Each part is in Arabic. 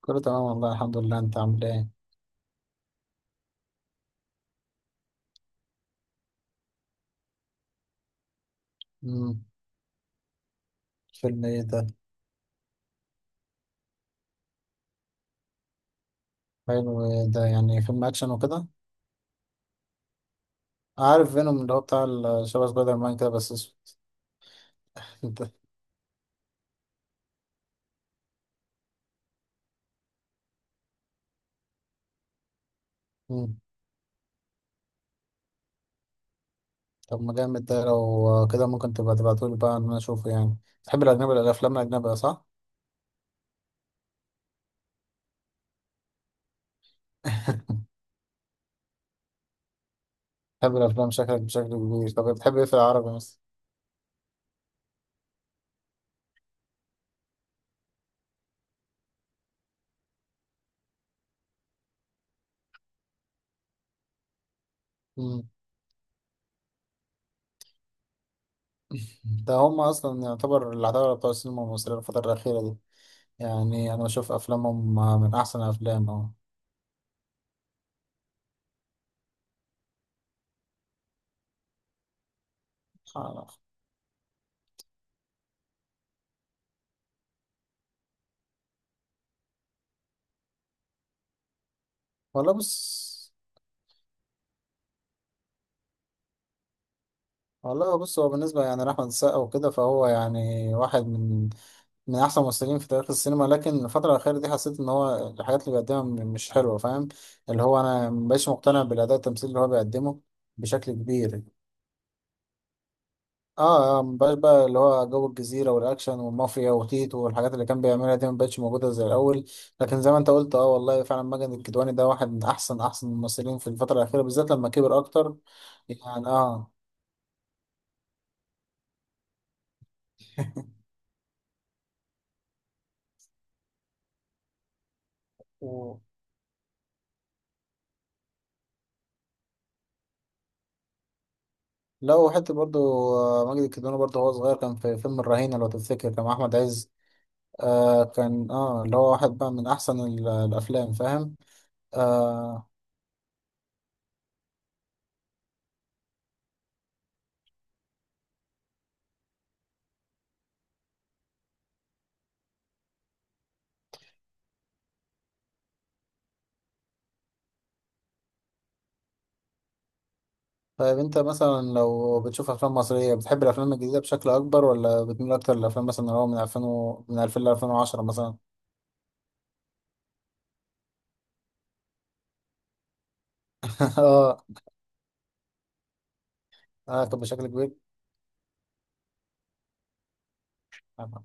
كله تمام والله، الحمد لله. انت عامل ايه؟ امم فيلم ايه ده؟ حلو. ايه ده، يعني فيلم اكشن وكده؟ عارف فينوم اللي هو بتاع شبه سبايدر مان كده بس اسود. انت. امم طب ما جامد ده، لو كده ممكن تبقى تبعتولي بقى ان انا اشوفه يعني. تحب الاجنبي، الافلام الاجنبيه صح؟ بتحب الافلام شكلك بشكل كبير. طب بتحب ايه في العربي مثلا؟ امم ده هم اصلا يعتبر العتاوله بتوع السينما المصريه الفتره الاخيره دي، يعني انا بشوف افلامهم من احسن افلام اهو. والله بص. والله بص، هو بالنسبة يعني لأحمد السقا وكده فهو يعني واحد من أحسن الممثلين في تاريخ السينما، لكن الفترة الأخيرة دي حسيت إن هو الحاجات اللي بيقدمها مش حلوة، فاهم؟ اللي هو أنا مبقاش مقتنع بالأداء التمثيلي اللي هو بيقدمه بشكل كبير. اه، مبقاش بقى اللي هو جو الجزيرة والأكشن والمافيا وتيتو والحاجات اللي كان بيعملها دي مبقتش موجودة زي الأول. لكن زي ما أنت قلت، اه والله فعلا ماجد الكدواني ده واحد من أحسن أحسن الممثلين في الفترة الأخيرة بالذات لما كبر أكتر، يعني اه. لا، وحتى برضو ماجد الكدواني برضو هو صغير كان في فيلم الرهينة لو تفتكر، كان مع أحمد عز. كان اه اللي هو واحد بقى من أحسن الأفلام، فاهم؟ آه طيب أنت مثلا لو بتشوف أفلام مصرية بتحب الأفلام الجديدة بشكل أكبر ولا بتميل أكتر للأفلام مثلا اللي هو من 2000 من 2000 ل 2010 مثلا؟ اه اه، كان بشكل كبير. اه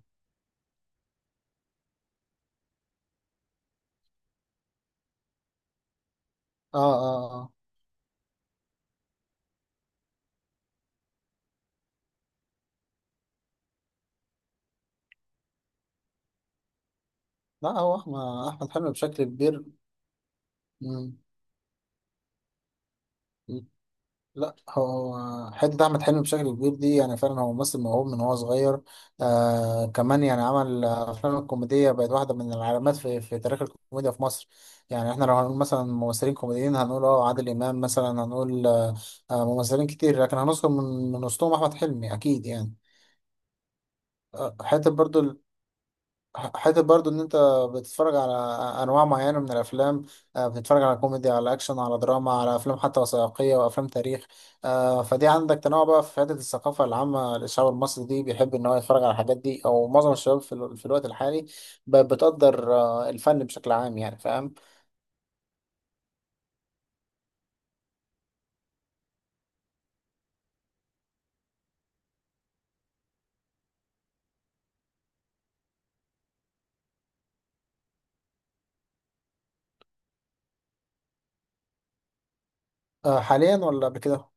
اه اه، لا هو أحمد حلمي بشكل كبير. مم. لا، هو حتة أحمد حلمي بشكل كبير دي، يعني فعلا هو ممثل موهوب من هو صغير. كمان يعني عمل أفلام الكوميدية بقت واحدة من العلامات في تاريخ الكوميديا في مصر. يعني إحنا لو هنقول مثلا ممثلين كوميديين هنقول عادل إمام مثلا، هنقول ممثلين كتير لكن هنذكر من وسطهم أحمد حلمي أكيد يعني. آه، حتة برضو حته برضو ان انت بتتفرج على انواع معينه من الافلام. بتتفرج على كوميدي، على اكشن، على دراما، على افلام حتى وثائقيه وافلام تاريخ. فدي عندك تنوع بقى في حته الثقافه العامه للشعب المصري، دي بيحب ان هو يتفرج على الحاجات دي، او معظم الشباب في الوقت الحالي بتقدر الفن بشكل عام يعني، فاهم؟ حاليا ولا قبل كده؟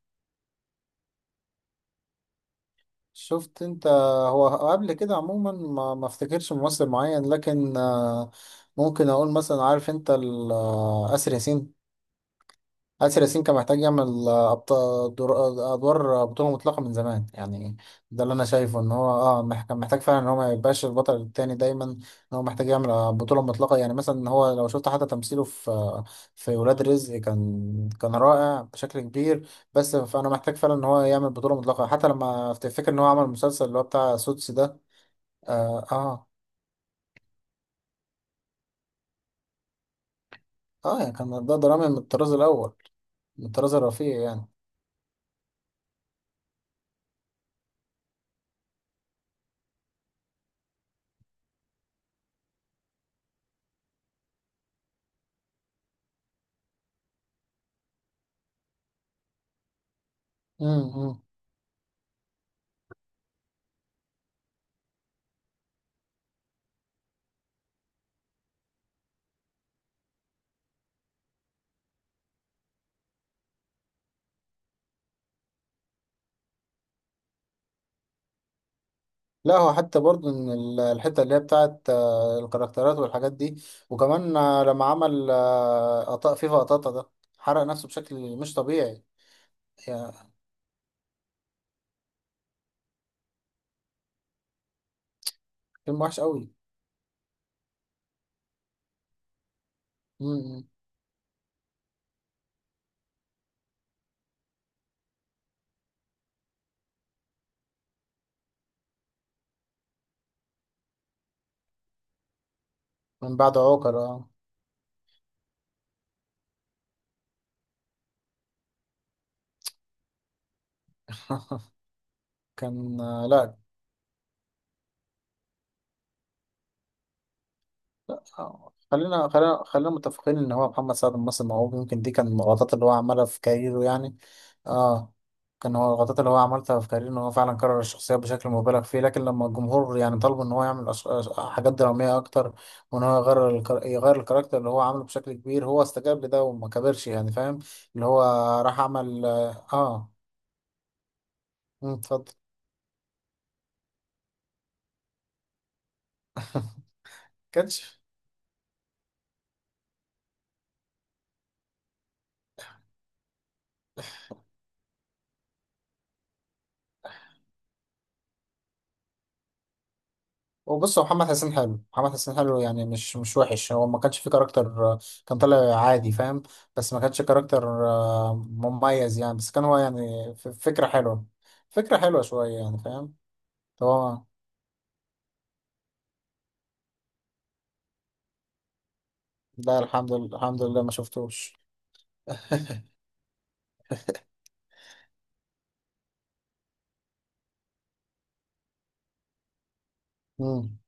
شفت انت، هو قبل كده عموما ما افتكرش ممثل معين لكن ممكن اقول مثلا، عارف انت آسر ياسين. آسر ياسين كان محتاج يعمل أبطال أدوار بطولة مطلقة من زمان يعني. ده اللي أنا شايفه إن هو كان محتاج فعلا إن هو ما يبقاش البطل التاني دايما، إن هو محتاج يعمل بطولة مطلقة يعني. مثلا هو لو شفت حتى تمثيله في ولاد رزق كان كان رائع بشكل كبير. بس فأنا محتاج فعلا إن هو يعمل بطولة مطلقة، حتى لما تفتكر إن هو عمل مسلسل اللي هو بتاع سوتس ده، آه آه يعني كان ده درامي من الطراز الأول، من الطراز الرفيع يعني. لا هو حتى برضو ان الحته اللي هي بتاعت الكاركترات والحاجات دي، وكمان لما عمل قطا فيفا قطاطا ده، حرق نفسه بشكل مش طبيعي. يعني فيلم وحش قوي. مم. من بعد عوكر. كان لا. لا، خلينا خلينا خلينا متفقين ان هو محمد سعد ممثل موهوب، يمكن دي كان من الغلطات اللي هو عملها في كاريره يعني. اه، كان هو الغلطات اللي هو عملتها في كارير ان هو فعلا كرر الشخصيات بشكل مبالغ فيه، لكن لما الجمهور يعني طلبوا ان هو يعمل حاجات درامية اكتر، وان هو يغير الكاركتر اللي هو عامله بشكل كبير، هو استجاب لده وما كبرش يعني، فاهم؟ اللي هو راح عمل. اه. اتفضل. كاتش. وبص، هو محمد حسين حلو، محمد حسين حلو، يعني مش وحش، هو ما كانش فيه كاركتر. آه، كان طالع عادي، فاهم؟ بس ما كانش كاركتر مميز يعني، بس كان هو يعني فكرة حلوة شوية يعني، فاهم؟ هو، لا. الحمد لله الحمد لله ما شفتوش. مم.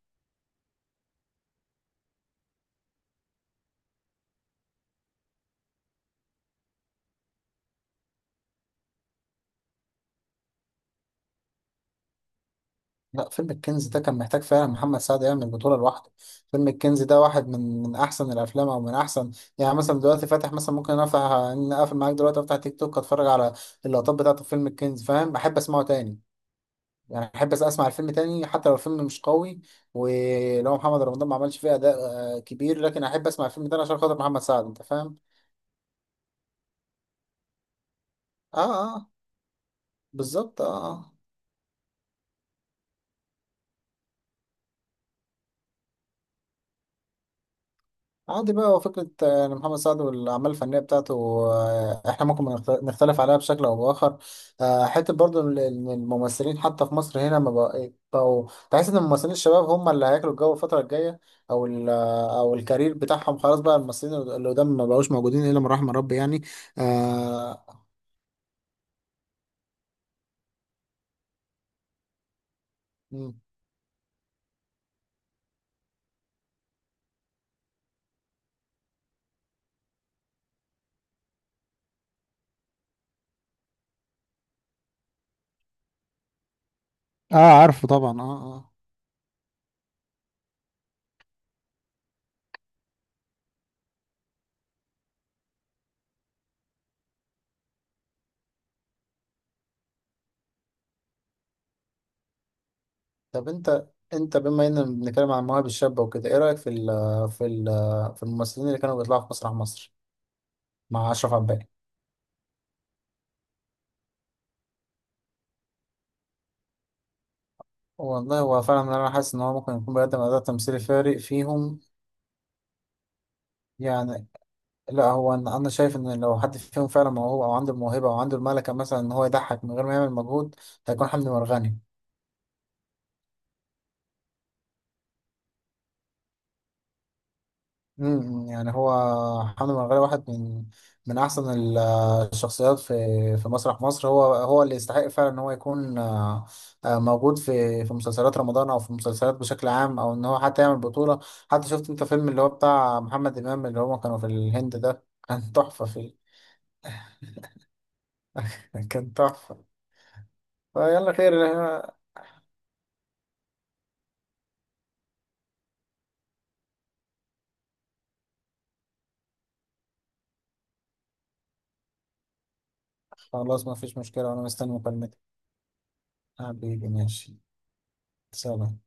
لا، فيلم الكنز ده كان محتاج فعلا محمد سعد يعمل بطولة لوحده. فيلم الكنز ده واحد من احسن الافلام او من احسن، يعني مثلا دلوقتي فاتح، مثلا ممكن افتح ان اقفل معاك دلوقتي، افتح تيك توك، اتفرج على اللقطات بتاعته في فيلم الكنز، فاهم؟ احب اسمعه تاني يعني، احب اسمع الفيلم تاني حتى لو الفيلم مش قوي، ولو محمد رمضان ما عملش فيه اداء كبير، لكن احب اسمع الفيلم تاني عشان خاطر محمد سعد، انت فاهم. اه اه، بالظبط اه. آه. عادي بقى، هو فكرة إن محمد سعد والأعمال الفنية بتاعته، إحنا ممكن نختلف عليها بشكل أو بآخر. حتة برضو إن الممثلين حتى في مصر هنا ما بقى- بقوا، تحس إن الممثلين الشباب هم اللي هياكلوا الجو الفترة الجاية، أو ال آه، أو الكارير بتاعهم خلاص بقى، الممثلين اللي قدام ما بقوش موجودين إلا من رحم ربي يعني. آه مم. اه، عارفه طبعا. اه اه. طب أنت بما إننا بنتكلم عن المواهب الشابة وكده، إيه رأيك في في الممثلين اللي كانوا بيطلعوا في مسرح مصر مع أشرف عباس؟ والله هو فعلا، انا حاسس ان هو ممكن يكون بيقدم اداء تمثيلي فارق فيهم، يعني. لا هو انا، أنا شايف ان لو حد فيهم فعلا موهوب او عنده الموهبه او عنده الملكه مثلا ان هو يضحك من غير ما يعمل مجهود، هيكون حمدي مرغني. يعني هو حمد مرغلي واحد من احسن الشخصيات في في مسرح مصر، هو هو اللي يستحق فعلا ان هو يكون موجود في مسلسلات رمضان او في مسلسلات بشكل عام، او ان هو حتى يعمل بطولة. حتى شفت انت فيلم اللي هو بتاع محمد امام اللي هما كانوا في الهند ده؟ كان تحفة فيه. كان تحفة. فيلا خير. خلاص ما فيش مشكلة، وانا مستني مكالمتك. حبيبي ماشي. سلام.